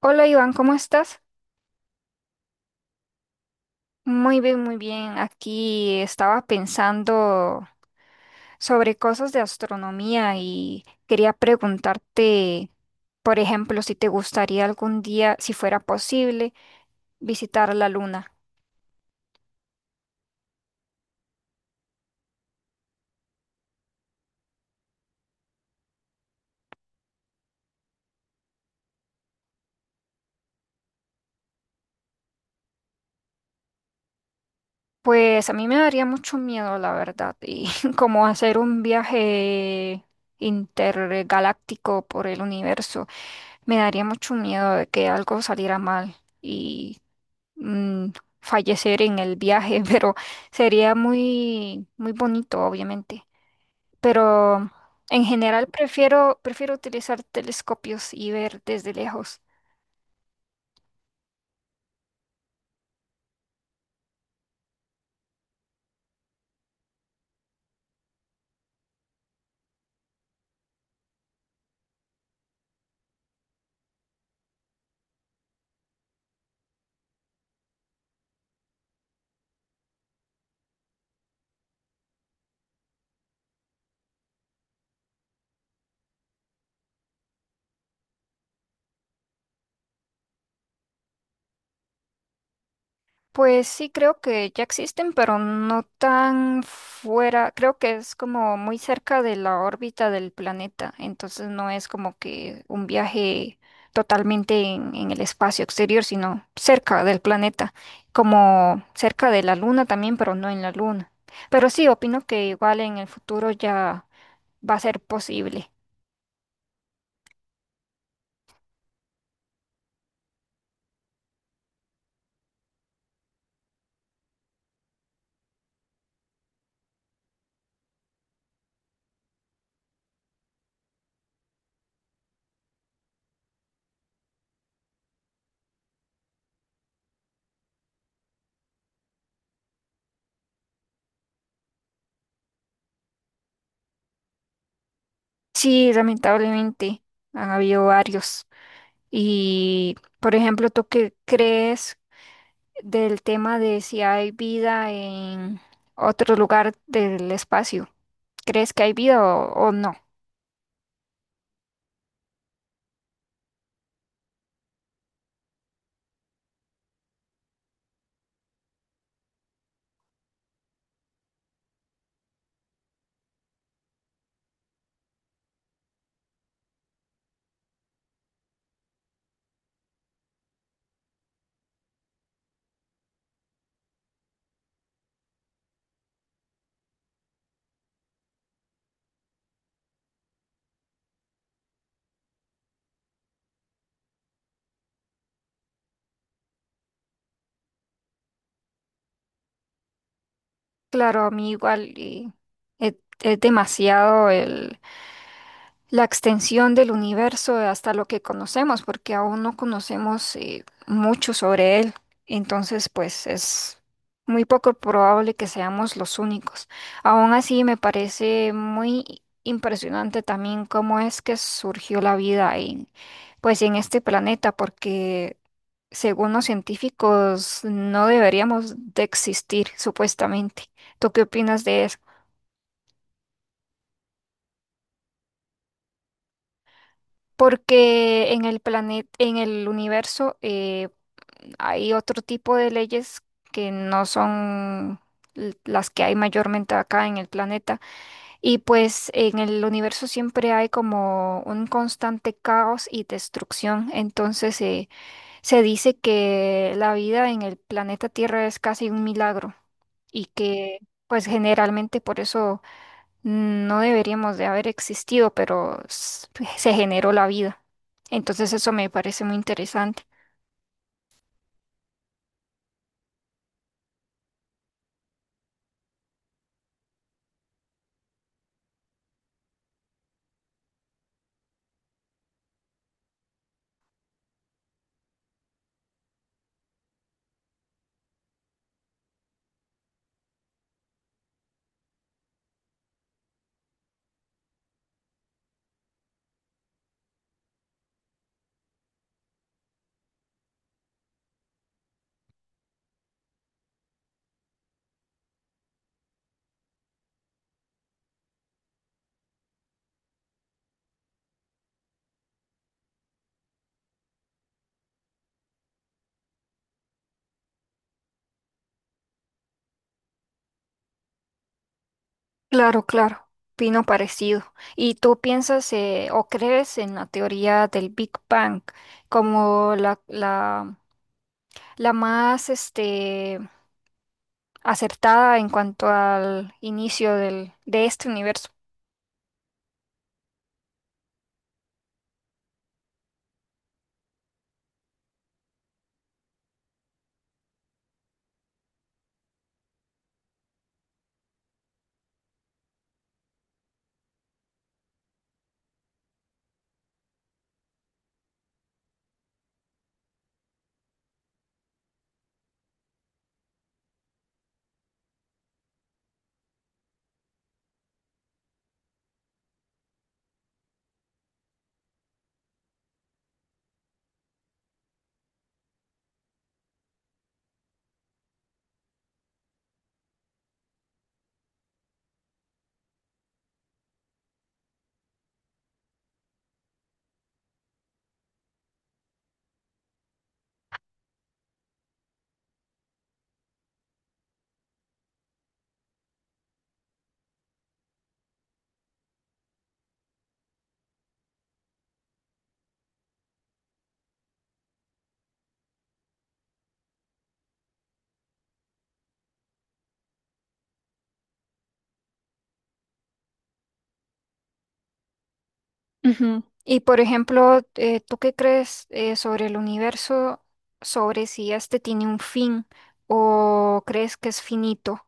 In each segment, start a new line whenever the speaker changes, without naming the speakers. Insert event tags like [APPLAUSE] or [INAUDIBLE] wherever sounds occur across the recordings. Hola Iván, ¿cómo estás? Muy bien, muy bien. Aquí estaba pensando sobre cosas de astronomía y quería preguntarte, por ejemplo, si te gustaría algún día, si fuera posible, visitar la luna. Pues a mí me daría mucho miedo, la verdad, y [LAUGHS] como hacer un viaje intergaláctico por el universo, me daría mucho miedo de que algo saliera mal. mm, Fallecer en el viaje, [LAUGHS] pero sería muy, muy bonito, obviamente. Pero en general prefiero utilizar telescopios y ver desde lejos. Pues sí, creo que ya existen, pero no tan fuera, creo que es como muy cerca de la órbita del planeta, entonces no es como que un viaje totalmente en el espacio exterior, sino cerca del planeta, como cerca de la luna también, pero no en la luna. Pero sí, opino que igual en el futuro ya va a ser posible. Sí, lamentablemente han habido varios. Y, por ejemplo, ¿tú qué crees del tema de si hay vida en otro lugar del espacio? ¿Crees que hay vida o, no? Claro, a mí igual, es, es demasiado la extensión del universo hasta lo que conocemos, porque aún no conocemos mucho sobre él. Entonces, pues es muy poco probable que seamos los únicos. Aún así, me parece muy impresionante también cómo es que surgió la vida pues, en este planeta, porque según los científicos no deberíamos de existir, supuestamente. ¿Tú qué opinas de eso? Porque en el planeta, en el universo, hay otro tipo de leyes que no son las que hay mayormente acá en el planeta. Y pues en el universo siempre hay como un constante caos y destrucción. Entonces, se dice que la vida en el planeta Tierra es casi un milagro y que pues generalmente por eso no deberíamos de haber existido, pero se generó la vida. Entonces eso me parece muy interesante. Claro, claro, opino parecido. ¿Y tú piensas, o crees en la teoría del Big Bang como la más acertada en cuanto al inicio de este universo? Ujú. Y por ejemplo, ¿tú qué crees, sobre el universo, sobre si este tiene un fin o crees que es finito?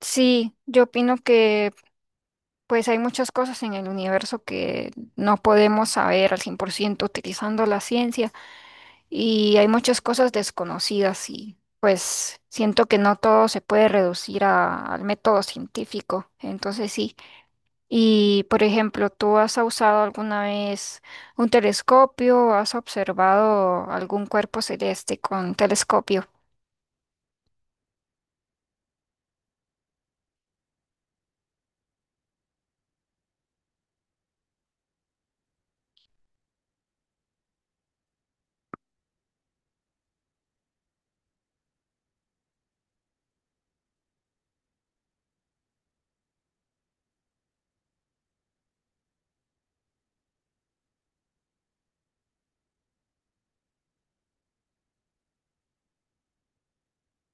Sí, yo opino que pues hay muchas cosas en el universo que no podemos saber al 100% utilizando la ciencia y hay muchas cosas desconocidas y pues siento que no todo se puede reducir al método científico. Entonces sí. Y, por ejemplo, ¿tú has usado alguna vez un telescopio? ¿Has observado algún cuerpo celeste con telescopio?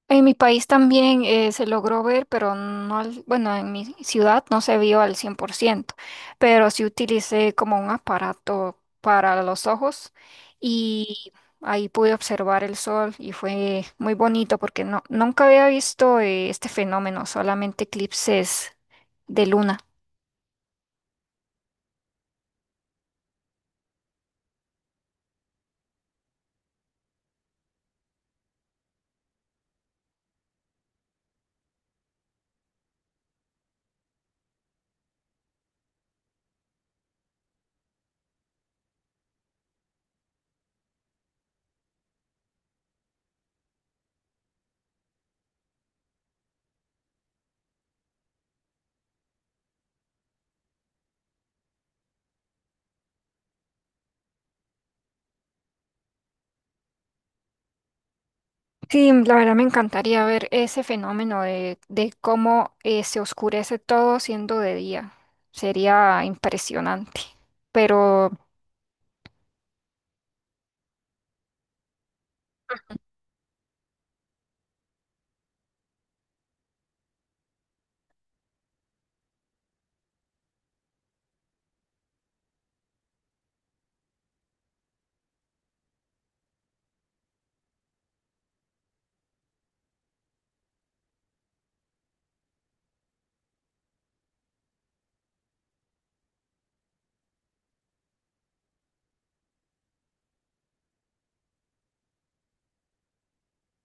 En mi país también, se logró ver, pero no, bueno, en mi ciudad no se vio al 100%, pero sí utilicé como un aparato para los ojos y ahí pude observar el sol y fue muy bonito porque no, nunca había visto, este fenómeno, solamente eclipses de luna. Sí, la verdad me encantaría ver ese fenómeno de cómo, se oscurece todo siendo de día. Sería impresionante. Pero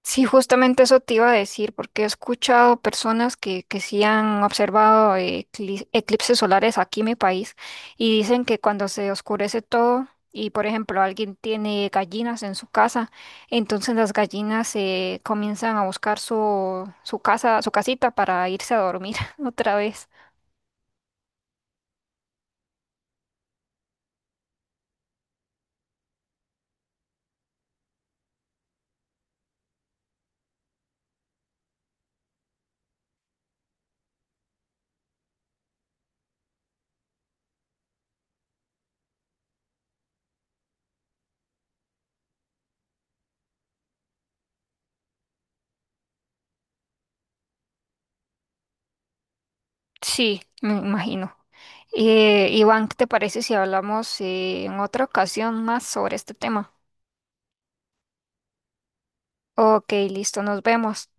sí, justamente eso te iba a decir, porque he escuchado personas que sí han observado, eclipses solares aquí en mi país y dicen que cuando se oscurece todo y, por ejemplo, alguien tiene gallinas en su casa, entonces las gallinas, comienzan a buscar su casa, su casita para irse a dormir [LAUGHS] otra vez. Sí, me imagino. Iván, ¿qué te parece si hablamos, en otra ocasión más sobre este tema? Ok, listo, nos vemos.